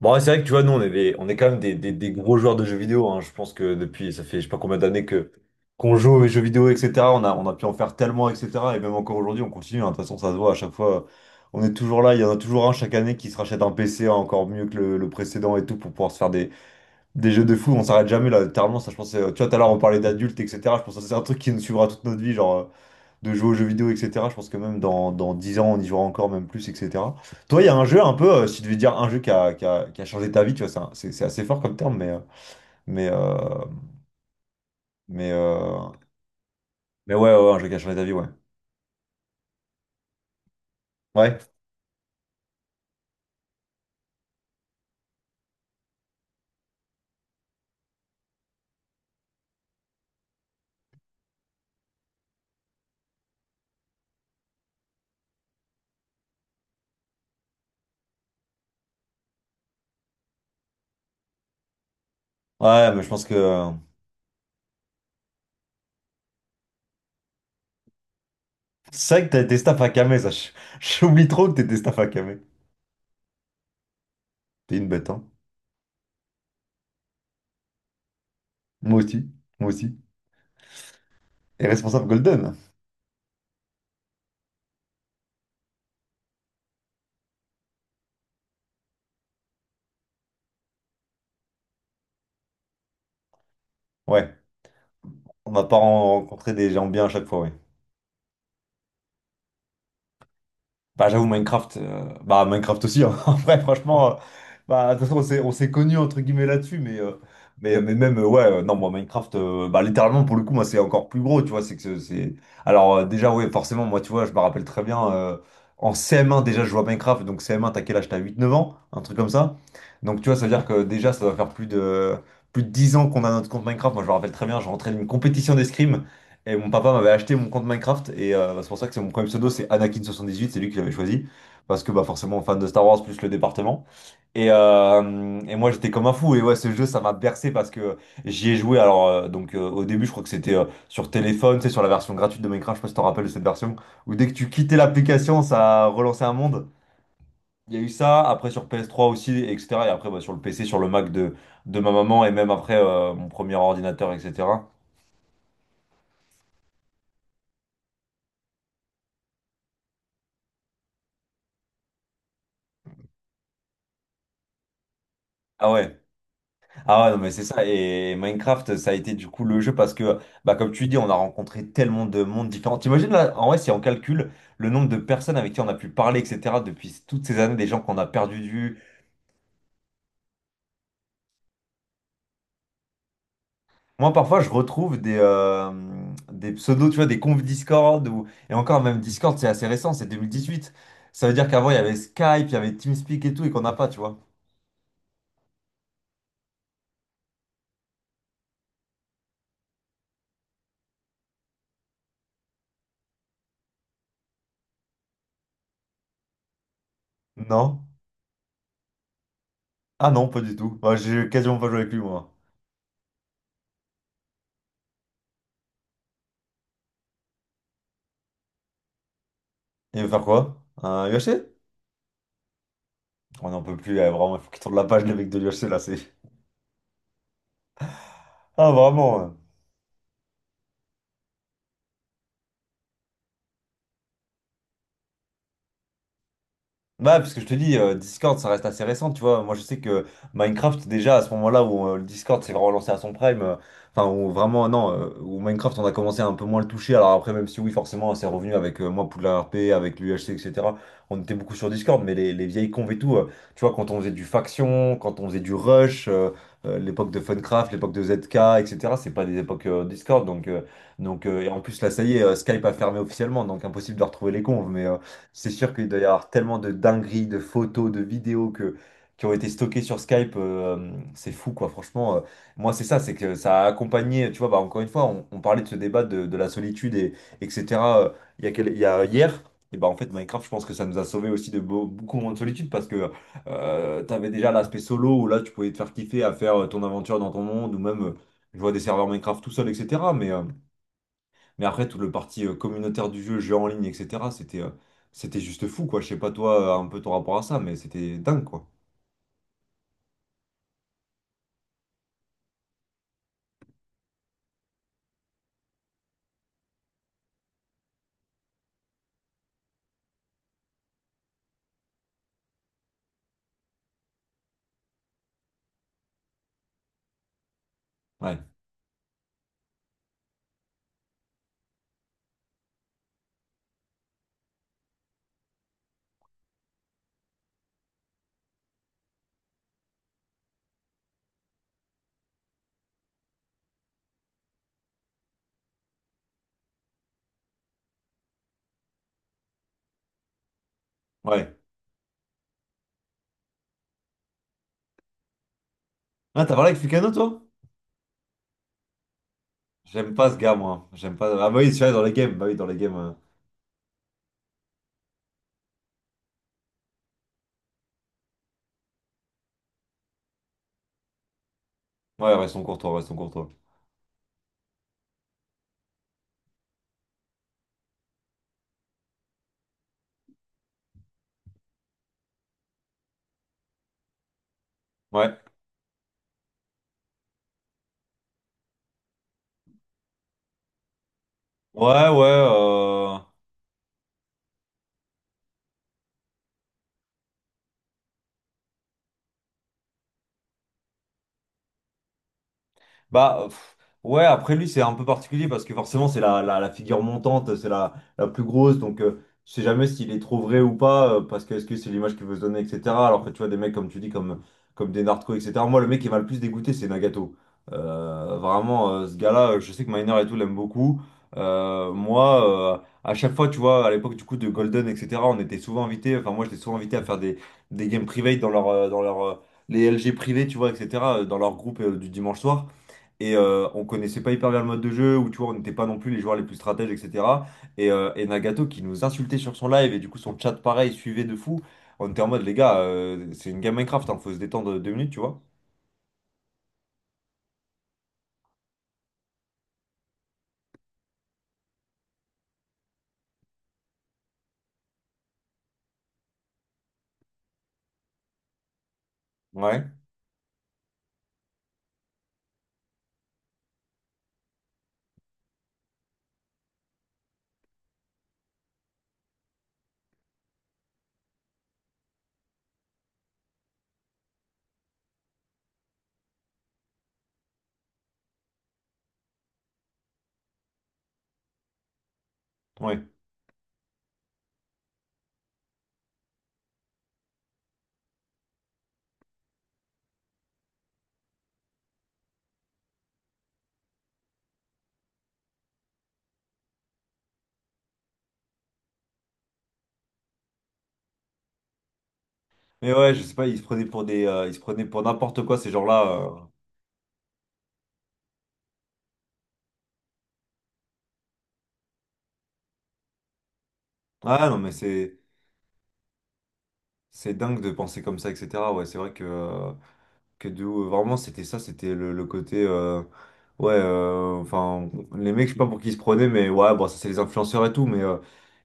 Bon, ouais, c'est vrai que tu vois, nous, on est quand même des gros joueurs de jeux vidéo, hein. Je pense que depuis, ça fait je sais pas combien d'années que qu'on joue aux jeux vidéo, etc. On a pu en faire tellement, etc. Et même encore aujourd'hui, on continue, hein. De toute façon, ça se voit à chaque fois. On est toujours là. Il y en a toujours un chaque année qui se rachète un PC encore mieux que le précédent et tout pour pouvoir se faire des jeux de fou. On s'arrête jamais là. Littéralement, ça, je pense, tu vois, tout à l'heure, on parlait d'adultes, etc. Je pense que c'est un truc qui nous suivra toute notre vie. Genre, de jouer aux jeux vidéo, etc. Je pense que même dans 10 ans, on y jouera encore même plus, etc. Toi, il y a un jeu un peu, si tu devais dire un jeu qui a changé ta vie, tu vois, c'est assez fort comme terme, mais, euh, mais, euh, mais ouais, ouais, ouais, un jeu qui a changé ta vie, ouais. Ouais, ouais, mais je pense que... C'est vrai que t'as été staff à Camé, ça. J'oublie trop que t'étais staff à Camé. T'es une bête, hein. Moi aussi, moi aussi. Et responsable Golden. Ouais, on n'a pas rencontré des gens bien à chaque fois, ouais. Bah j'avoue Minecraft, bah Minecraft aussi, hein. En vrai franchement, bah de toute façon on s'est connus entre guillemets là-dessus, mais même ouais, non moi Minecraft, bah littéralement pour le coup moi c'est encore plus gros, tu vois, c'est que c'est... déjà ouais forcément moi tu vois je me rappelle très bien, en CM1 déjà je jouais à Minecraft, donc CM1 t'as quel âge? T'as huit neuf ans, un truc comme ça. Donc tu vois ça veut dire que déjà ça doit faire plus de 10 ans qu'on a notre compte Minecraft. Moi je me rappelle très bien, je rentrais d'une compétition d'escrime, et mon papa m'avait acheté mon compte Minecraft et bah, c'est pour ça que c'est mon premier pseudo, c'est anakin78, c'est lui qui l'avait choisi. Parce que bah forcément fan de Star Wars plus le département. Et moi j'étais comme un fou. Et ouais ce jeu ça m'a bercé parce que j'y ai joué. Alors, au début je crois que c'était sur téléphone, c'est sur la version gratuite de Minecraft, je sais pas si tu te rappelles de cette version, où dès que tu quittais l'application ça relançait un monde. Il y a eu ça, après sur PS3 aussi, etc. Et après bah, sur le PC, sur le Mac de ma maman et même après mon premier ordinateur, etc. Ah ouais. Ah ouais, non, mais c'est ça. Et Minecraft, ça a été du coup le jeu parce que, bah, comme tu dis, on a rencontré tellement de mondes différents. T'imagines là, en vrai, si on calcule le nombre de personnes avec qui on a pu parler, etc., depuis toutes ces années, des gens qu'on a perdu de vue. Moi, parfois, je retrouve des pseudos, tu vois, des confs Discord, ou... et encore même Discord, c'est assez récent, c'est 2018. Ça veut dire qu'avant, il y avait Skype, il y avait TeamSpeak et tout, et qu'on n'a pas, tu vois. Non? Ah non, pas du tout. Moi, j'ai quasiment pas joué avec lui, moi. Il veut faire quoi? Un UHC? On n'en peut plus, eh, vraiment, il faut qu'il tourne la page, le mec de l'UHC, là, c'est... Ah, vraiment, ouais. Bah, parce que je te dis, Discord, ça reste assez récent, tu vois. Moi, je sais que Minecraft, déjà, à ce moment-là où le Discord s'est vraiment lancé à son prime, enfin, où vraiment, non, où Minecraft, on a commencé à un peu moins le toucher. Alors après, même si oui, forcément, c'est revenu avec moi, Poudlard RP, avec l'UHC, etc. On était beaucoup sur Discord, mais les vieilles convs et tout, tu vois, quand on faisait du Faction, quand on faisait du Rush, l'époque de Funcraft, l'époque de ZK, etc., c'est pas des époques Discord, donc, et en plus, là, ça y est, Skype a fermé officiellement, donc impossible de retrouver les convs, c'est sûr qu'il doit y avoir tellement de dingueries, de photos, de vidéos que, qui ont été stockées sur Skype. C'est fou, quoi. Franchement, moi, c'est ça, c'est que ça a accompagné, tu vois, bah, encore une fois, on parlait de ce débat de la solitude, et, etc. euh, il y a, il y a hier. Et bah en fait, Minecraft, je pense que ça nous a sauvé aussi de beaucoup moins de solitude parce que t'avais déjà l'aspect solo où là, tu pouvais te faire kiffer à faire ton aventure dans ton monde ou même, je vois des serveurs Minecraft tout seul, etc. Mais après, tout le parti communautaire du jeu, jeu en ligne, etc., c'était c'était juste fou, quoi. Je sais pas, toi, un peu ton rapport à ça, mais c'était dingue, quoi. Ouais, ouais. Ah, t'as parlé avec Lucano, toi? J'aime pas ce gars, moi. J'aime pas. Ah, bah oui, celui-là, dans les games. Bah oui, dans les games. Ouais, restons courtois, restons courtois. Ouais. Ouais, ouais. Bah, pff, ouais, après lui, c'est un peu particulier parce que forcément, c'est la figure montante, c'est la plus grosse. Donc, je sais jamais s'il est trop vrai ou pas, parce que est-ce que c'est l'image qu'il veut se donner, etc. Alors que tu vois, des mecs, comme tu dis, comme des narcos, etc. Moi, le mec qui m'a le plus dégoûté, c'est Nagato. Vraiment, ce gars-là, je sais que Miner et tout l'aime beaucoup. Moi, à chaque fois, tu vois, à l'époque du coup de Golden, etc., on était souvent invités, enfin, moi, j'étais souvent invité à faire des games privés, les LG privés, tu vois, etc., dans leur groupe du dimanche soir. Et on connaissait pas hyper bien le mode de jeu, où tu vois, on n'était pas non plus les joueurs les plus stratèges, etc. Et Nagato qui nous insultait sur son live, et du coup son chat pareil suivait de fou. On était en mode, les gars, c'est une game Minecraft, hein, faut se détendre 2 minutes, tu vois. Ouais, ouais. Mais ouais, je sais pas, ils se prenaient pour ils se prenaient pour n'importe quoi, ces gens-là. Ah non, mais c'est dingue de penser comme ça, etc. Ouais, c'est vrai que. Que de ouf. Vraiment, c'était ça, c'était le côté. Ouais, enfin, les mecs, je sais pas pour qui ils se prenaient, mais ouais, bon, ça, c'est les influenceurs et tout, mais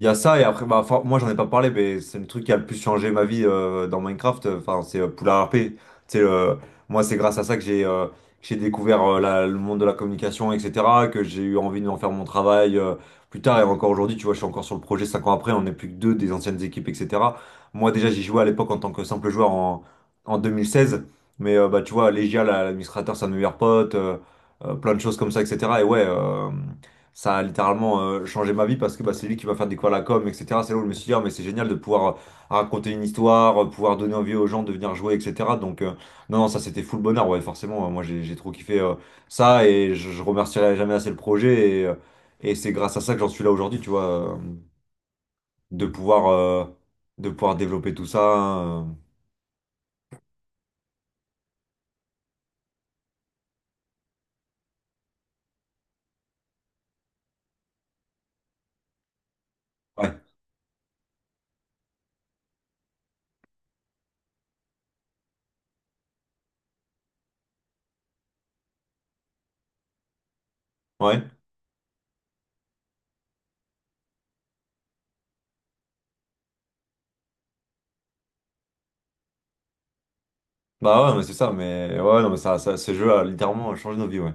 il y a ça, et après, bah, enfin, moi, j'en ai pas parlé, mais c'est le truc qui a le plus changé ma vie dans Minecraft, enfin, c'est Poulard RP. Tu sais, moi, c'est grâce à ça que j'ai découvert le monde de la communication, etc., que j'ai eu envie d'en faire mon travail plus tard, et encore aujourd'hui, tu vois, je suis encore sur le projet 5 ans après, on n'est plus que deux des anciennes équipes, etc. Moi, déjà, j'y jouais à l'époque en tant que simple joueur en 2016, mais bah, tu vois, Legia, l'administrateur, c'est un de mes meilleurs potes, plein de choses comme ça, etc. Et ouais, ça a littéralement changé ma vie parce que bah, c'est lui qui m'a fait découvrir la com, etc. C'est là où je me suis dit, ah, mais c'est génial de pouvoir raconter une histoire, pouvoir donner envie aux gens de venir jouer, etc. Donc, non, non, ça c'était full bonheur, ouais, forcément. Moi, j'ai trop kiffé ça et je remercierai jamais assez le projet. Et c'est grâce à ça que j'en suis là aujourd'hui, tu vois, de pouvoir, euh, de pouvoir développer tout ça, hein, ouais, ouais. Bah ouais, mais c'est ça, mais ouais, ouais, non, mais ce jeu a littéralement changé nos vies, ouais.